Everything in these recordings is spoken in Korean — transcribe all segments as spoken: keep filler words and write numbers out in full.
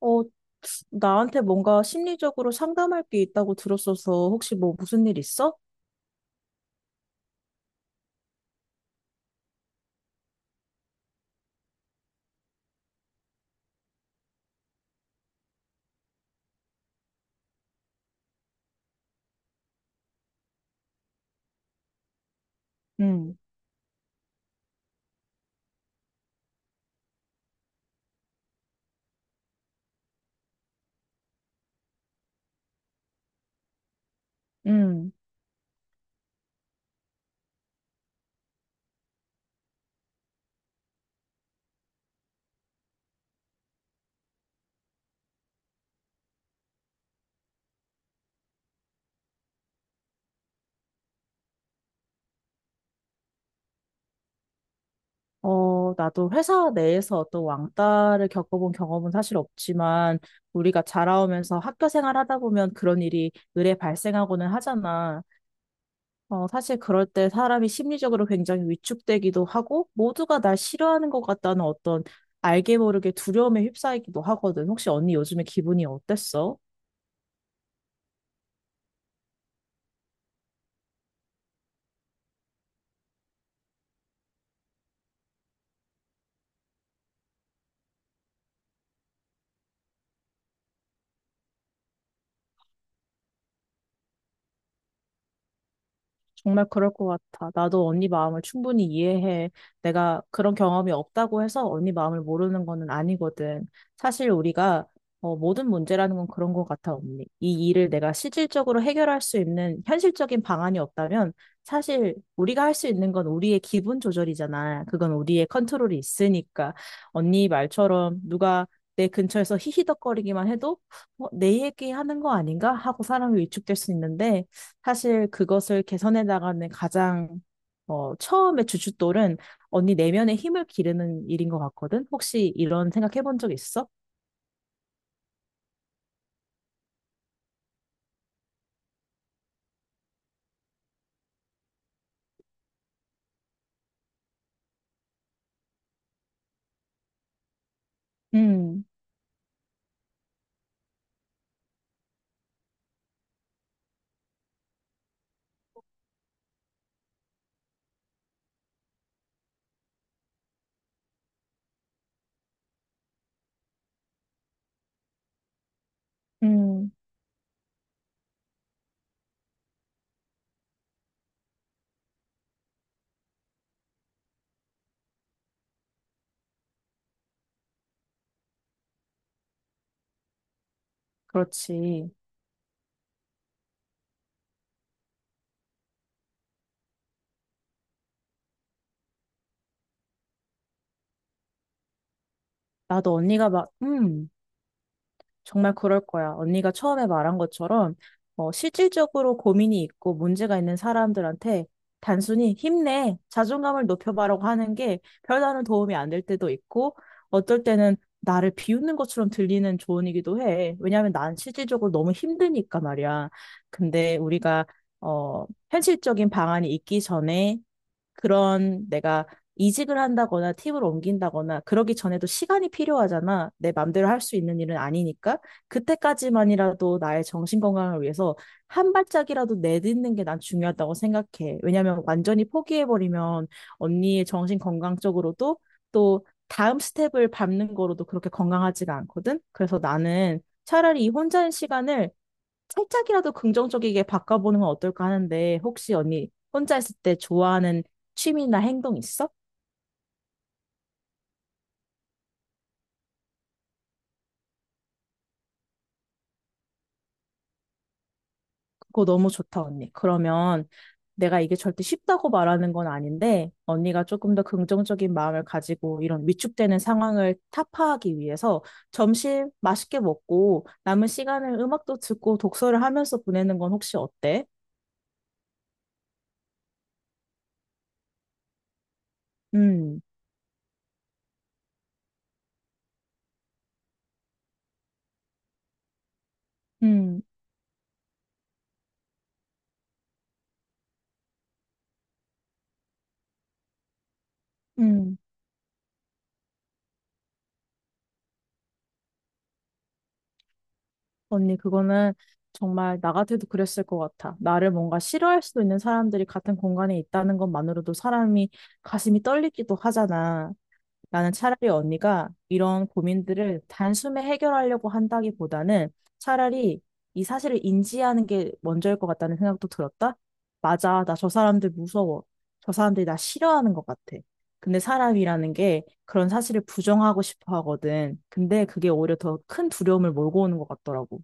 어, 나한테 뭔가 심리적으로 상담할 게 있다고 들었어서 혹시 뭐 무슨 일 있어? 응, 응. 어, 나도 회사 내에서 어떤 왕따를 겪어본 경험은 사실 없지만, 우리가 자라오면서 학교 생활하다 보면 그런 일이 의례 발생하고는 하잖아. 어, 사실 그럴 때 사람이 심리적으로 굉장히 위축되기도 하고, 모두가 날 싫어하는 것 같다는 어떤 알게 모르게 두려움에 휩싸이기도 하거든. 혹시 언니 요즘에 기분이 어땠어? 정말 그럴 것 같아. 나도 언니 마음을 충분히 이해해. 내가 그런 경험이 없다고 해서 언니 마음을 모르는 거는 아니거든. 사실 우리가 어, 모든 문제라는 건 그런 것 같아, 언니. 이 일을 내가 실질적으로 해결할 수 있는 현실적인 방안이 없다면 사실 우리가 할 수 있는 건 우리의 기분 조절이잖아. 그건 우리의 컨트롤이 있으니까. 언니 말처럼 누가 내 근처에서 히히덕거리기만 해도 어, 내 얘기하는 거 아닌가 하고 사람이 위축될 수 있는데 사실 그것을 개선해 나가는 가장 어, 처음의 주춧돌은 언니 내면의 힘을 기르는 일인 것 같거든. 혹시 이런 생각해 본 적 있어? 음, 음, 그렇지. 나도 언니가 막, 음, 정말 그럴 거야. 언니가 처음에 말한 것처럼 어, 실질적으로 고민이 있고 문제가 있는 사람들한테 단순히 힘내, 자존감을 높여봐라고 하는 게 별다른 도움이 안 될 때도 있고 어떨 때는 나를 비웃는 것처럼 들리는 조언이기도 해. 왜냐하면 난 실질적으로 너무 힘드니까 말이야. 근데 우리가 어, 현실적인 방안이 있기 전에 그런 내가 이직을 한다거나 팀을 옮긴다거나 그러기 전에도 시간이 필요하잖아. 내 맘대로 할 수 있는 일은 아니니까. 그때까지만이라도 나의 정신 건강을 위해서 한 발짝이라도 내딛는 게 난 중요하다고 생각해. 왜냐면 완전히 포기해버리면 언니의 정신 건강적으로도 또 다음 스텝을 밟는 거로도 그렇게 건강하지가 않거든. 그래서 나는 차라리 이 혼자인 시간을 살짝이라도 긍정적이게 바꿔보는 건 어떨까 하는데, 혹시 언니 혼자 있을 때 좋아하는 취미나 행동 있어? 그거 너무 좋다, 언니. 그러면 내가 이게 절대 쉽다고 말하는 건 아닌데, 언니가 조금 더 긍정적인 마음을 가지고 이런 위축되는 상황을 타파하기 위해서 점심 맛있게 먹고 남은 시간을 음악도 듣고 독서를 하면서 보내는 건 혹시 어때? 음, 음, 음. 언니, 그거는 정말 나 같아도 그랬을 것 같아. 나를 뭔가 싫어할 수도 있는 사람들이 같은 공간에 있다는 것만으로도 사람이 가슴이 떨리기도 하잖아. 나는 차라리 언니가 이런 고민들을 단숨에 해결하려고 한다기보다는 차라리 이 사실을 인지하는 게 먼저일 것 같다는 생각도 들었다. 맞아, 나 저 사람들 무서워. 저 사람들이 나 싫어하는 것 같아. 근데 사람이라는 게 그런 사실을 부정하고 싶어 하거든. 근데 그게 오히려 더 큰 두려움을 몰고 오는 것 같더라고.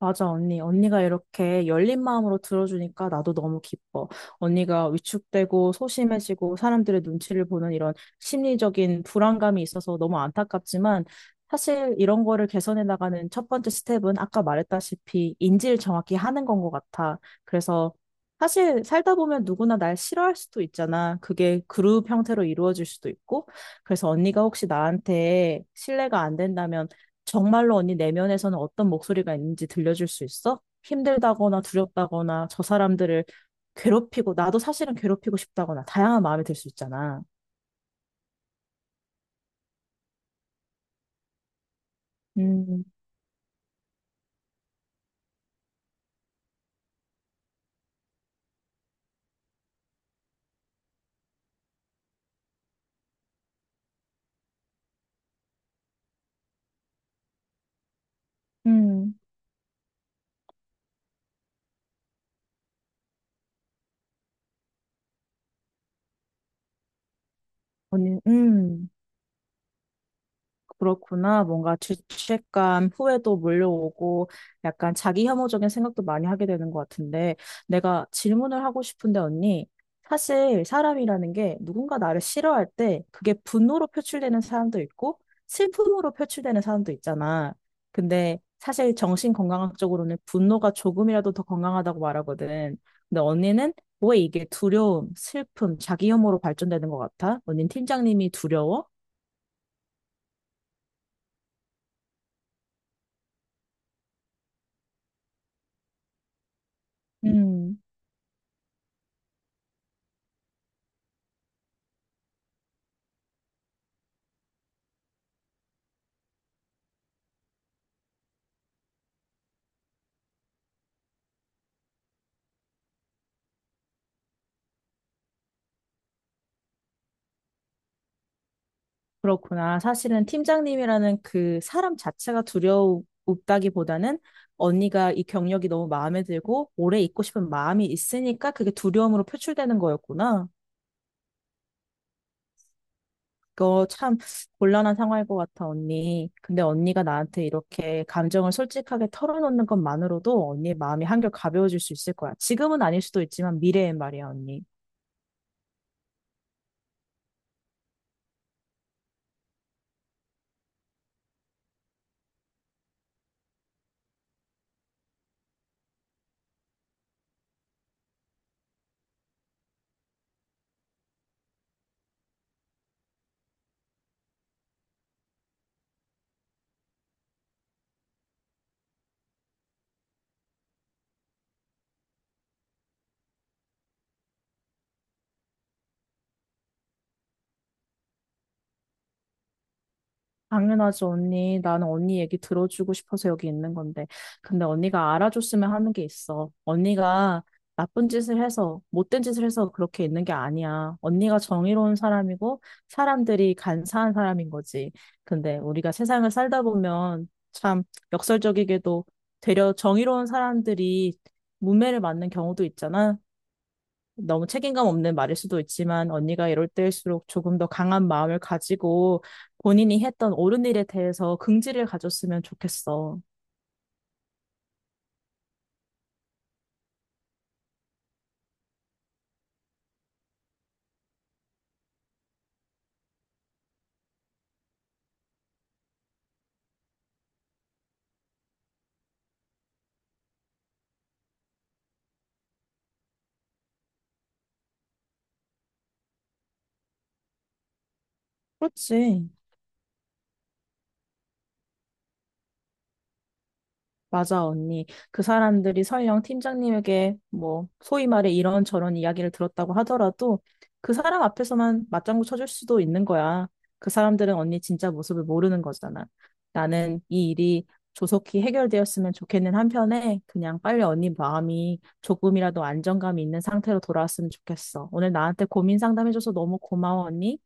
맞아, 언니. 언니가 이렇게 열린 마음으로 들어주니까 나도 너무 기뻐. 언니가 위축되고 소심해지고 사람들의 눈치를 보는 이런 심리적인 불안감이 있어서 너무 안타깝지만 사실 이런 거를 개선해 나가는 첫 번째 스텝은 아까 말했다시피 인지를 정확히 하는 건 것 같아. 그래서 사실 살다 보면 누구나 날 싫어할 수도 있잖아. 그게 그룹 형태로 이루어질 수도 있고. 그래서 언니가 혹시 나한테 신뢰가 안 된다면 정말로 언니 내면에서는 어떤 목소리가 있는지 들려줄 수 있어? 힘들다거나 두렵다거나 저 사람들을 괴롭히고 나도 사실은 괴롭히고 싶다거나 다양한 마음이 들 수 있잖아. 음, 음, 언니, 음. 그렇구나. 뭔가 죄책감, 후회도 몰려오고 약간 자기 혐오적인 생각도 많이 하게 되는 것 같은데 내가 질문을 하고 싶은데 언니, 사실 사람이라는 게 누군가 나를 싫어할 때 그게 분노로 표출되는 사람도 있고 슬픔으로 표출되는 사람도 있잖아. 근데 사실 정신건강학적으로는 분노가 조금이라도 더 건강하다고 말하거든. 근데 언니는 왜 이게 두려움, 슬픔, 자기 혐오로 발전되는 것 같아? 언니는 팀장님이 두려워? 음. 그렇구나. 사실은 팀장님이라는 그 사람 자체가 두려웠다기보다는 언니가 이 경력이 너무 마음에 들고 오래 있고 싶은 마음이 있으니까 그게 두려움으로 표출되는 거였구나. 그거 참 곤란한 상황일 것 같아, 언니. 근데 언니가 나한테 이렇게 감정을 솔직하게 털어놓는 것만으로도 언니의 마음이 한결 가벼워질 수 있을 거야. 지금은 아닐 수도 있지만 미래엔 말이야, 언니. 당연하지, 언니. 나는 언니 얘기 들어주고 싶어서 여기 있는 건데. 근데 언니가 알아줬으면 하는 게 있어. 언니가 나쁜 짓을 해서, 못된 짓을 해서 그렇게 있는 게 아니야. 언니가 정의로운 사람이고, 사람들이 간사한 사람인 거지. 근데 우리가 세상을 살다 보면 참 역설적이게도 되려 정의로운 사람들이 문매를 맞는 경우도 있잖아. 너무 책임감 없는 말일 수도 있지만 언니가 이럴 때일수록 조금 더 강한 마음을 가지고 본인이 했던 옳은 일에 대해서 긍지를 가졌으면 좋겠어. 그렇지. 맞아, 언니. 그 사람들이 설령 팀장님에게 뭐, 소위 말해 이런저런 이야기를 들었다고 하더라도 그 사람 앞에서만 맞장구 쳐줄 수도 있는 거야. 그 사람들은 언니 진짜 모습을 모르는 거잖아. 나는 이 일이 조속히 해결되었으면 좋겠는 한편에 그냥 빨리 언니 마음이 조금이라도 안정감이 있는 상태로 돌아왔으면 좋겠어. 오늘 나한테 고민 상담해줘서 너무 고마워, 언니.